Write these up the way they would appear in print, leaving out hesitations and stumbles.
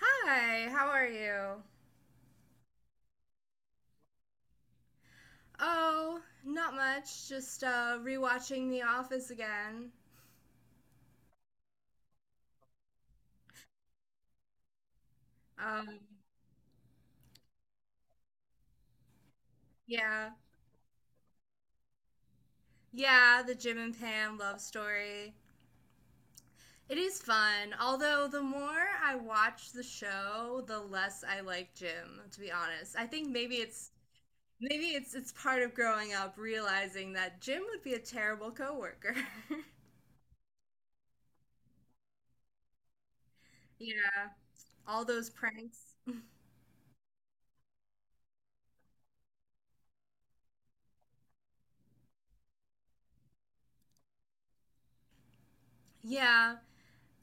Hi, how are you? Oh, not much. Just rewatching The Office again. Um, yeah. Yeah, the Jim and Pam love story. It is fun, although the more I watch the show, the less I like Jim, to be honest. I think maybe it's part of growing up realizing that Jim would be a terrible coworker. Yeah, all those pranks. Yeah.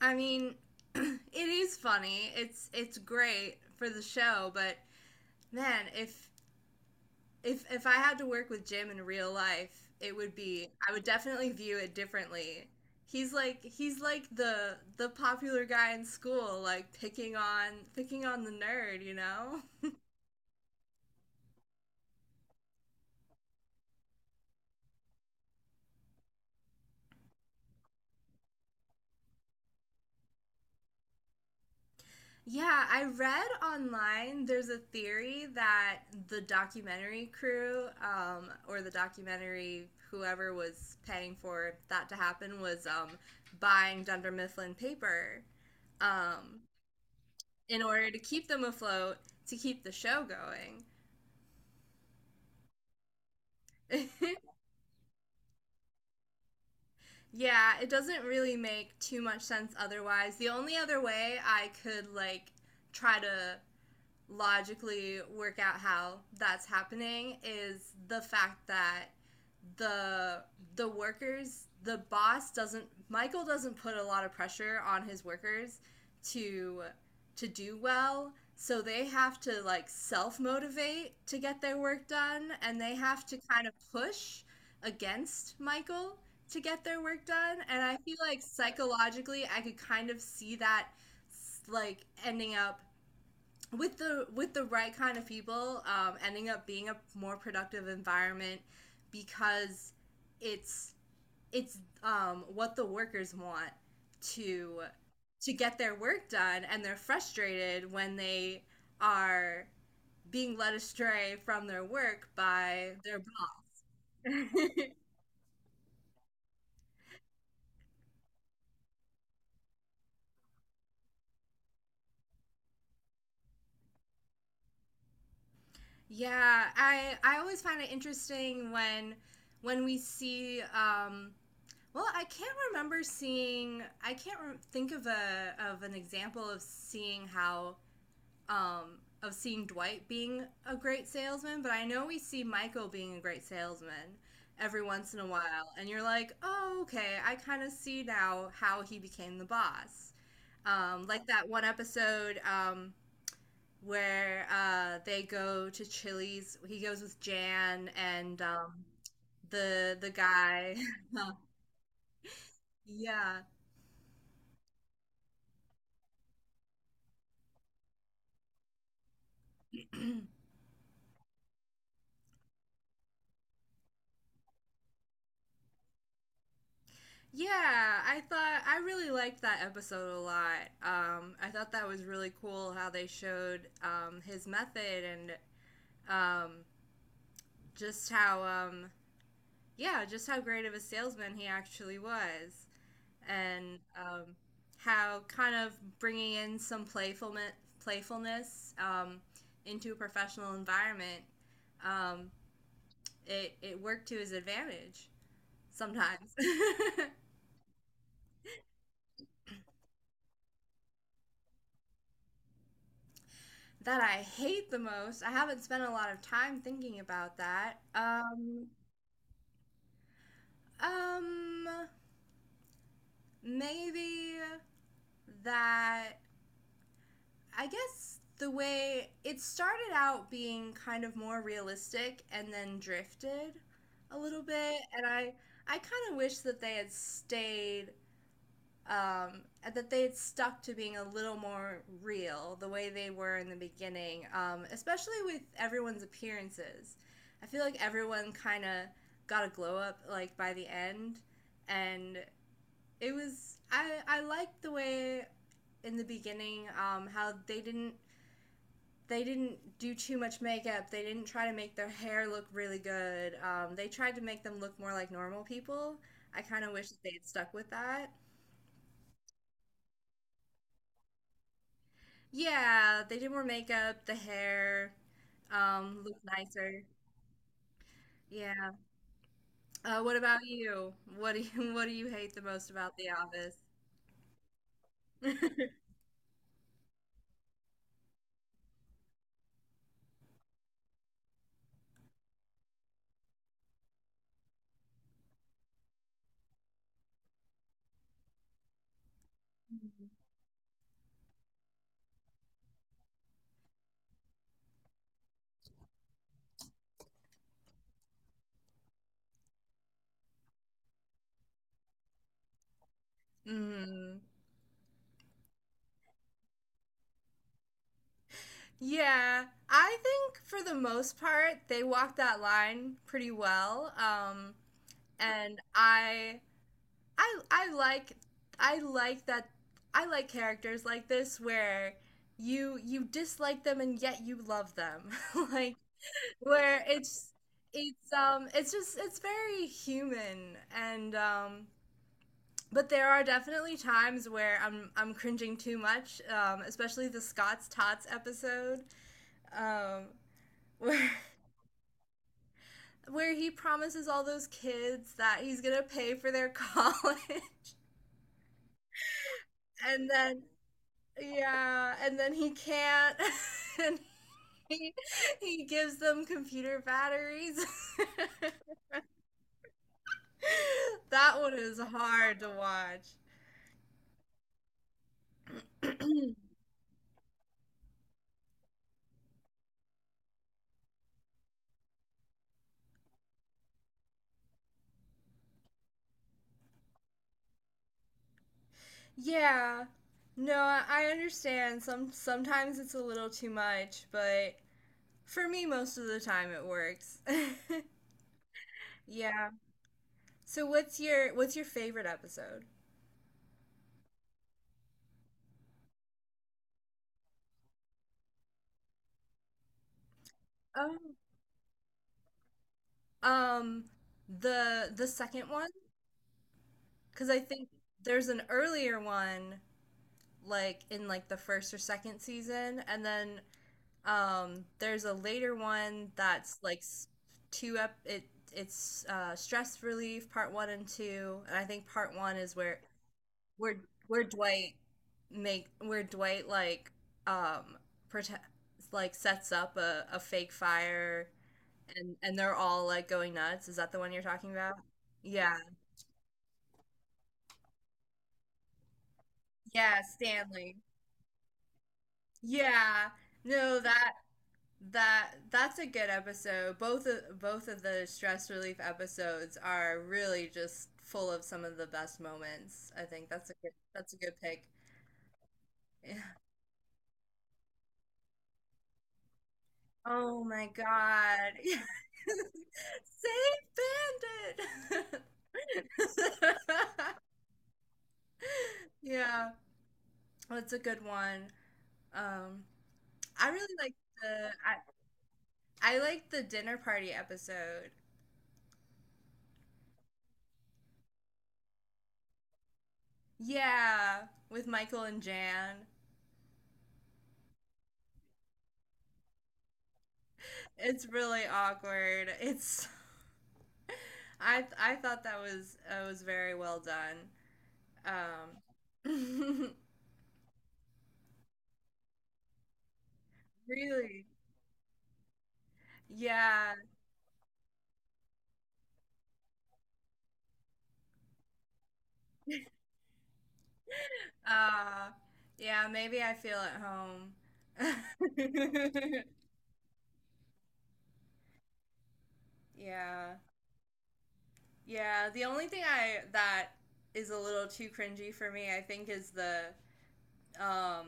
I mean, it is funny. It's great for the show, but man, if I had to work with Jim in real life, it would be I would definitely view it differently. He's like the popular guy in school, like picking on the nerd? Yeah, I read online there's a theory that the documentary crew or the documentary whoever was paying for that to happen was buying Dunder Mifflin paper um, in order to keep them afloat to keep the show going. Yeah, it doesn't really make too much sense otherwise. The only other way I could like try to logically work out how that's happening is the fact that the the workers the boss doesn't Michael doesn't put a lot of pressure on his workers to to do well, so they have to like self motivate to get their work done, and they have to kind of push against Michael to get their work done. And I feel like psychologically I could kind of see that like ending up with the right kind of people ending up being a more productive environment because it's it's what the workers want to to get their work done, and they're frustrated when they are being led astray from their work by their boss. Yeah, I always find it interesting when we see well, I can't remember seeing. I can't think of a of an example of seeing how of seeing Dwight being a great salesman, but I know we see Michael being a great salesman every once in a while, and you're like, oh, okay, I kind of see now how he became the boss. Like that one episode where they go to Chili's. He goes with Jan and the guy. Yeah. Yeah, I thought I really liked that episode a lot. I thought that was really cool how they showed his method and um, just how yeah, just how great of a salesman he actually was, and how kind of bringing in some playfulness into a professional environment, um, it worked to his advantage sometimes. That I hate the most. I haven't spent a lot of time thinking about that. Um, maybe that I guess the way it started out being kind of more realistic and then drifted a little bit, and I kind of wish that they had stayed um, that they had stuck to being a little more real the way they were in the beginning, especially with everyone's appearances. I feel like everyone kind of got a glow up like by the end, and it was I liked the way in the beginning how they didn't do too much makeup. They didn't try to make their hair look really good. They tried to make them look more like normal people. I kind of wish that they had stuck with that. Yeah, they did more makeup, the hair, looked nicer. Yeah. What about you? What do you what do you hate the most about The Office? Mm. Yeah, I think for the most part they walked that line pretty well. And I I like I like that I like characters like this where you dislike them and yet you love them. Like where it's it's just it's very human, and but there are definitely times where I'm cringing too much, especially the Scott's Tots episode, um, where where he promises all those kids that he's gonna pay for their college, and then yeah, and then he can't, and he he gives them computer batteries. That one is hard to watch. Yeah. No, I understand. Some sometimes it's a little too much, but for me most of the time it works. Yeah. So what's your favorite episode? Oh. Um, the second one? 'Cause I think there's an earlier one like in like the first or second season, and then um, there's a later one that's like two up. It it's stress relief part one and two, and I think part one is where where where Dwight make where Dwight like um protect like sets up a fake fire, and they're all like going nuts. Is that the one you're talking about? Yeah. Yeah, Stanley. Yeah. No, that that's a good episode. Both of the stress relief episodes are really just full of some of the best moments. I think that's a good pick. Yeah. Oh my god. Save Bandit. Yeah, that's a good one. Um, I really like the I like the dinner party episode. Yeah, with Michael and Jan. It's really awkward. It's I thought that was very well done. Um, really, yeah, uh, yeah. Maybe I feel at home. Yeah, yeah. The only thing I that is a little too cringy for me, I think, is um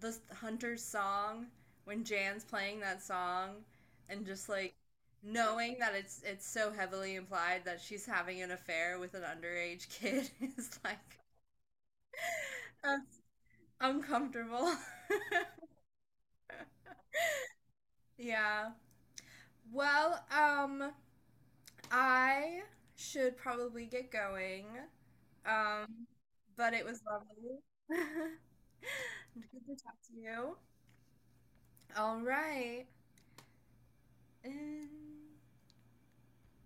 the hunter's song when Jan's playing that song and just like knowing that it's so heavily implied that she's having an affair with an underage kid is like uh, uncomfortable. Yeah. Well, I should probably get going. Um but it was lovely. Good to talk to you. All right. And-